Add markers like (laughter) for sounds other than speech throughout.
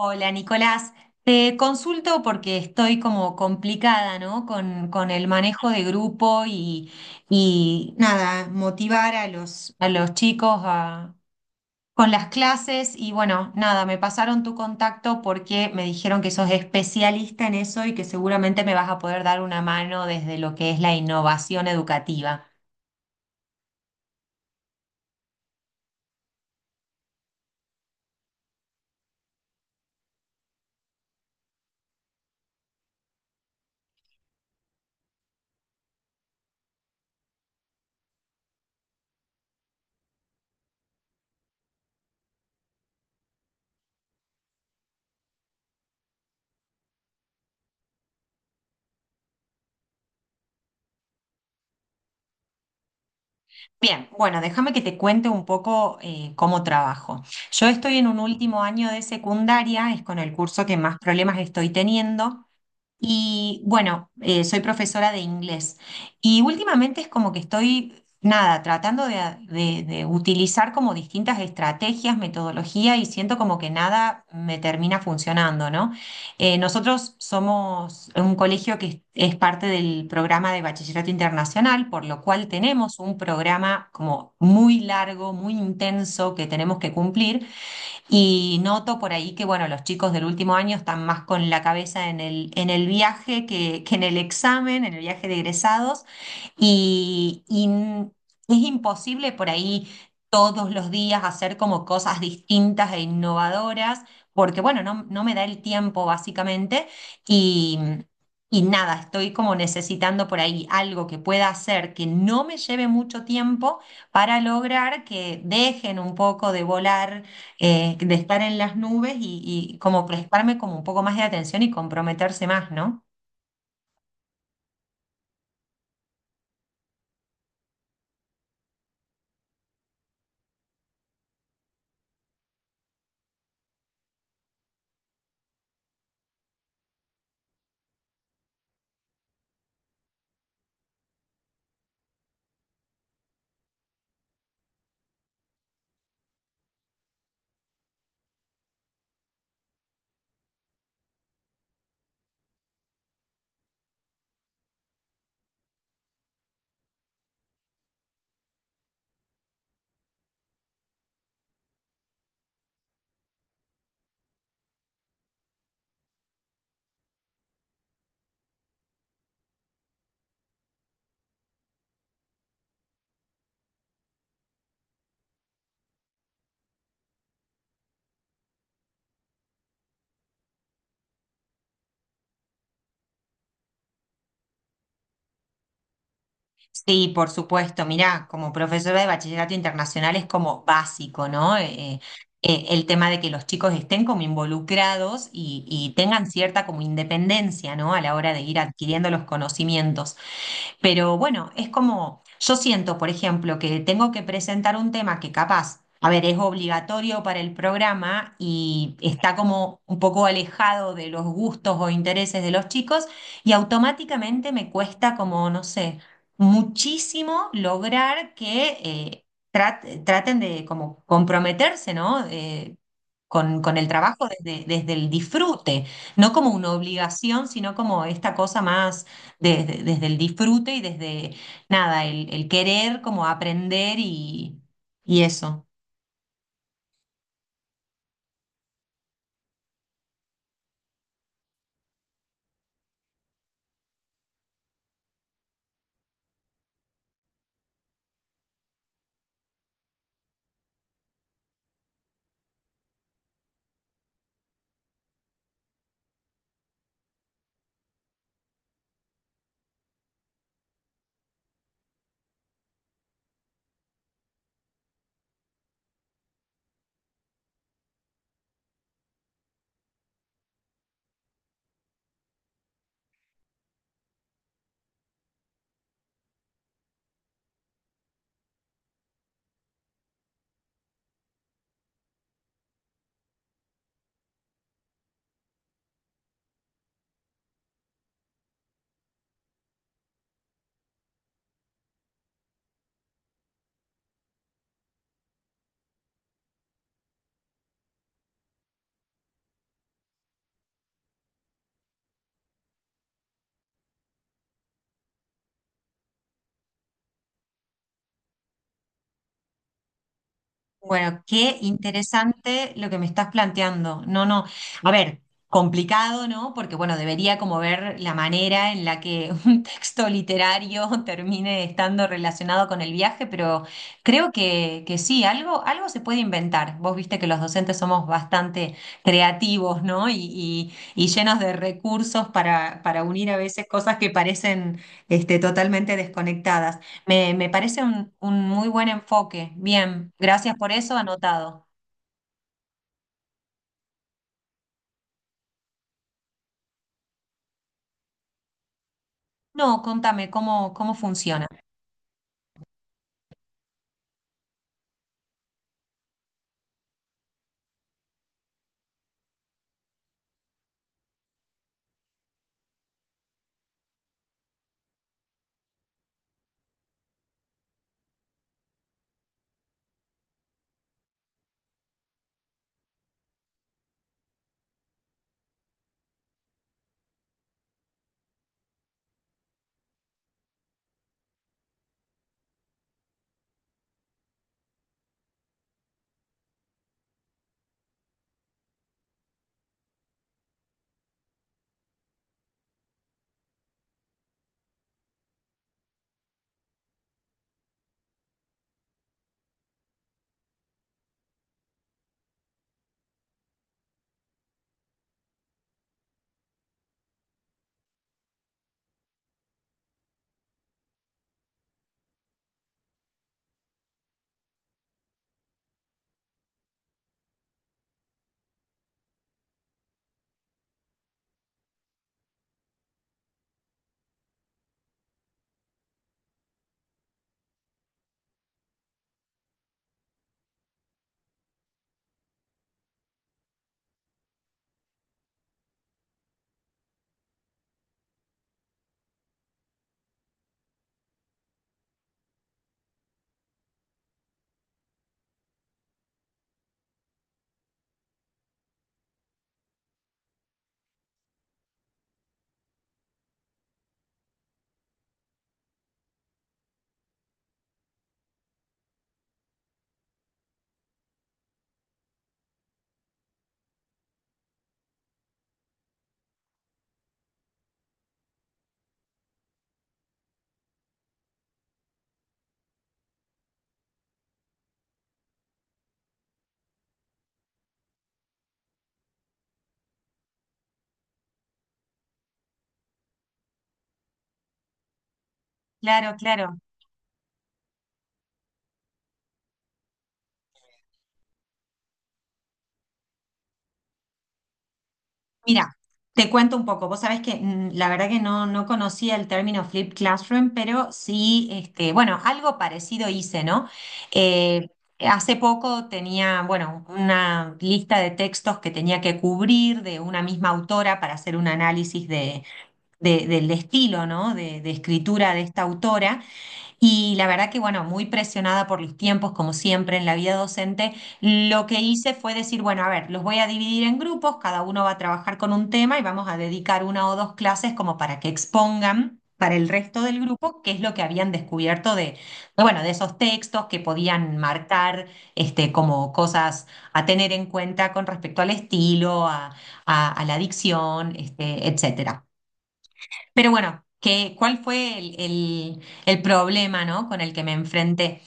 Hola Nicolás, te consulto porque estoy como complicada, ¿no? Con el manejo de grupo y nada, motivar a los chicos con las clases y bueno, nada, me pasaron tu contacto porque me dijeron que sos especialista en eso y que seguramente me vas a poder dar una mano desde lo que es la innovación educativa. Bien, bueno, déjame que te cuente un poco cómo trabajo. Yo estoy en un último año de secundaria, es con el curso que más problemas estoy teniendo. Y bueno, soy profesora de inglés y últimamente es como que estoy, nada, tratando de utilizar como distintas estrategias, metodología y siento como que nada me termina funcionando, ¿no? Nosotros somos un colegio que es parte del programa de Bachillerato Internacional, por lo cual tenemos un programa como muy largo, muy intenso que tenemos que cumplir. Y noto por ahí que, bueno, los chicos del último año están más con la cabeza en el viaje que en el examen, en el viaje de egresados. Y, y n- es imposible por ahí todos los días hacer como cosas distintas e innovadoras, porque, bueno, no me da el tiempo básicamente. Y, y nada, estoy como necesitando por ahí algo que pueda hacer que no me lleve mucho tiempo para lograr que dejen un poco de volar de estar en las nubes y como prestarme como un poco más de atención y comprometerse más, ¿no? Sí, por supuesto, mirá, como profesora de bachillerato internacional es como básico, ¿no? El tema de que los chicos estén como involucrados y tengan cierta como independencia, ¿no? A la hora de ir adquiriendo los conocimientos. Pero bueno, es como, yo siento, por ejemplo, que tengo que presentar un tema que capaz, a ver, es obligatorio para el programa y está como un poco alejado de los gustos o intereses de los chicos y automáticamente me cuesta como, no sé, muchísimo lograr que traten de como comprometerse, ¿no? Con el trabajo desde, desde el disfrute, no como una obligación, sino como esta cosa más desde, desde el disfrute y desde nada, el querer como aprender y eso. Bueno, qué interesante lo que me estás planteando. No, no. A ver, complicado, ¿no? Porque, bueno, debería como ver la manera en la que (laughs) un texto literario (laughs) termine estando relacionado con el viaje, pero creo que sí, algo, algo se puede inventar. Vos viste que los docentes somos bastante creativos, ¿no? Y llenos de recursos para unir a veces cosas que parecen este, totalmente desconectadas. Me parece un muy buen enfoque. Bien, gracias por eso, anotado. No, contame cómo, cómo funciona. Claro, claro. Mira, te cuento un poco. Vos sabés que la verdad que no, no conocía el término Flip Classroom, pero sí, este, bueno, algo parecido hice, ¿no? Eh, Hace poco tenía, bueno, una lista de textos que tenía que cubrir de una misma autora para hacer un análisis de, del estilo, ¿no? De escritura de esta autora. Y la verdad que, bueno, muy presionada por los tiempos, como siempre en la vida docente, lo que hice fue decir, bueno, a ver, los voy a dividir en grupos, cada uno va a trabajar con un tema y vamos a dedicar una o dos clases como para que expongan para el resto del grupo qué es lo que habían descubierto de, bueno, de esos textos que podían marcar este, como cosas a tener en cuenta con respecto al estilo, a, a la dicción, este, etc. Pero bueno, ¿qué, cuál fue el problema, ¿no? con el que me enfrenté?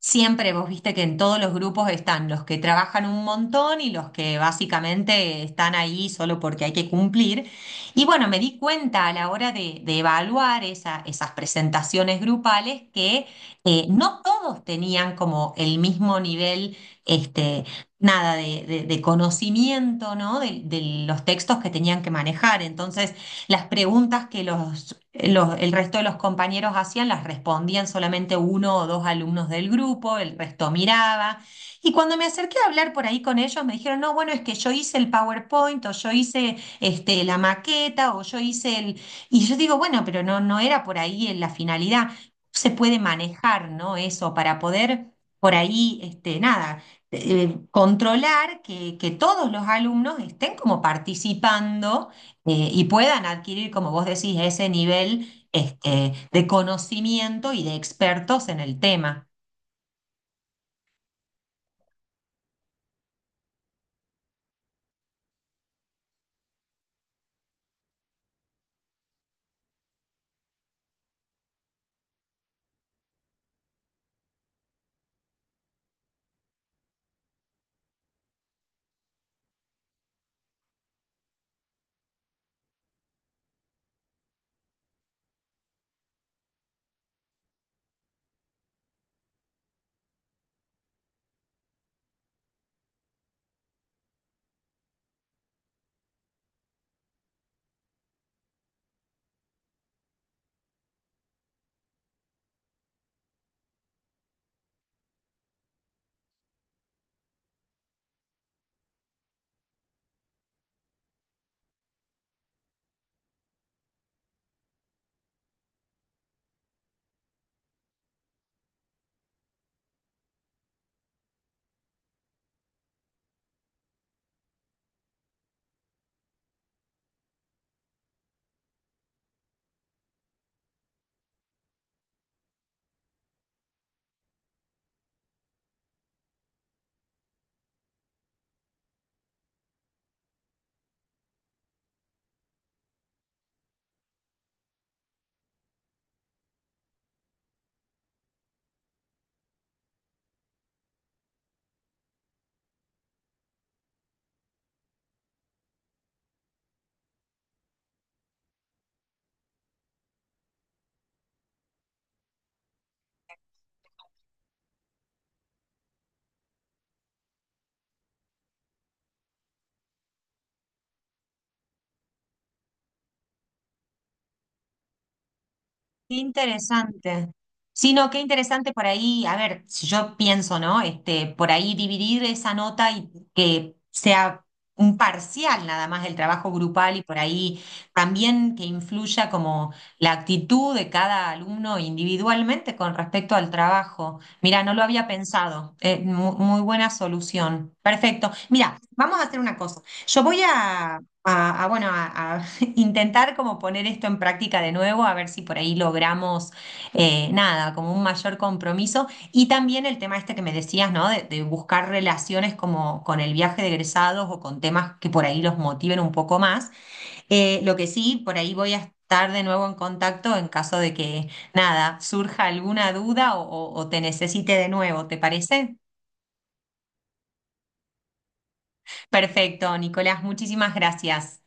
Siempre vos viste que en todos los grupos están los que trabajan un montón y los que básicamente están ahí solo porque hay que cumplir. Y bueno, me di cuenta a la hora de evaluar esas presentaciones grupales que no todos tenían como el mismo nivel, este, nada, de, de conocimiento, ¿no? De los textos que tenían que manejar. Entonces, las preguntas que el resto de los compañeros hacían las respondían solamente uno o dos alumnos del grupo, el resto miraba. Y cuando me acerqué a hablar por ahí con ellos, me dijeron, no, bueno, es que yo hice el PowerPoint o yo hice este, la maqueta o yo hice el... Y yo digo, bueno, pero no, no era por ahí en la finalidad. Se puede manejar, ¿no? Eso para poder por ahí, este, nada controlar que todos los alumnos estén como participando y puedan adquirir, como vos decís, ese nivel este, de conocimiento y de expertos en el tema. Qué interesante. Sí, no, qué interesante por ahí. A ver, si yo pienso, ¿no? Este, por ahí dividir esa nota y que sea un parcial nada más del trabajo grupal y por ahí también que influya como la actitud de cada alumno individualmente con respecto al trabajo. Mira, no lo había pensado. Muy buena solución. Perfecto. Mira, vamos a hacer una cosa. Yo voy a, bueno, a intentar como poner esto en práctica de nuevo, a ver si por ahí logramos nada, como un mayor compromiso. Y también el tema este que me decías, ¿no? De buscar relaciones como con el viaje de egresados o con temas que por ahí los motiven un poco más. Lo que sí, por ahí voy a estar de nuevo en contacto en caso de que nada, surja alguna duda o o te necesite de nuevo, ¿te parece? Perfecto, Nicolás, muchísimas gracias.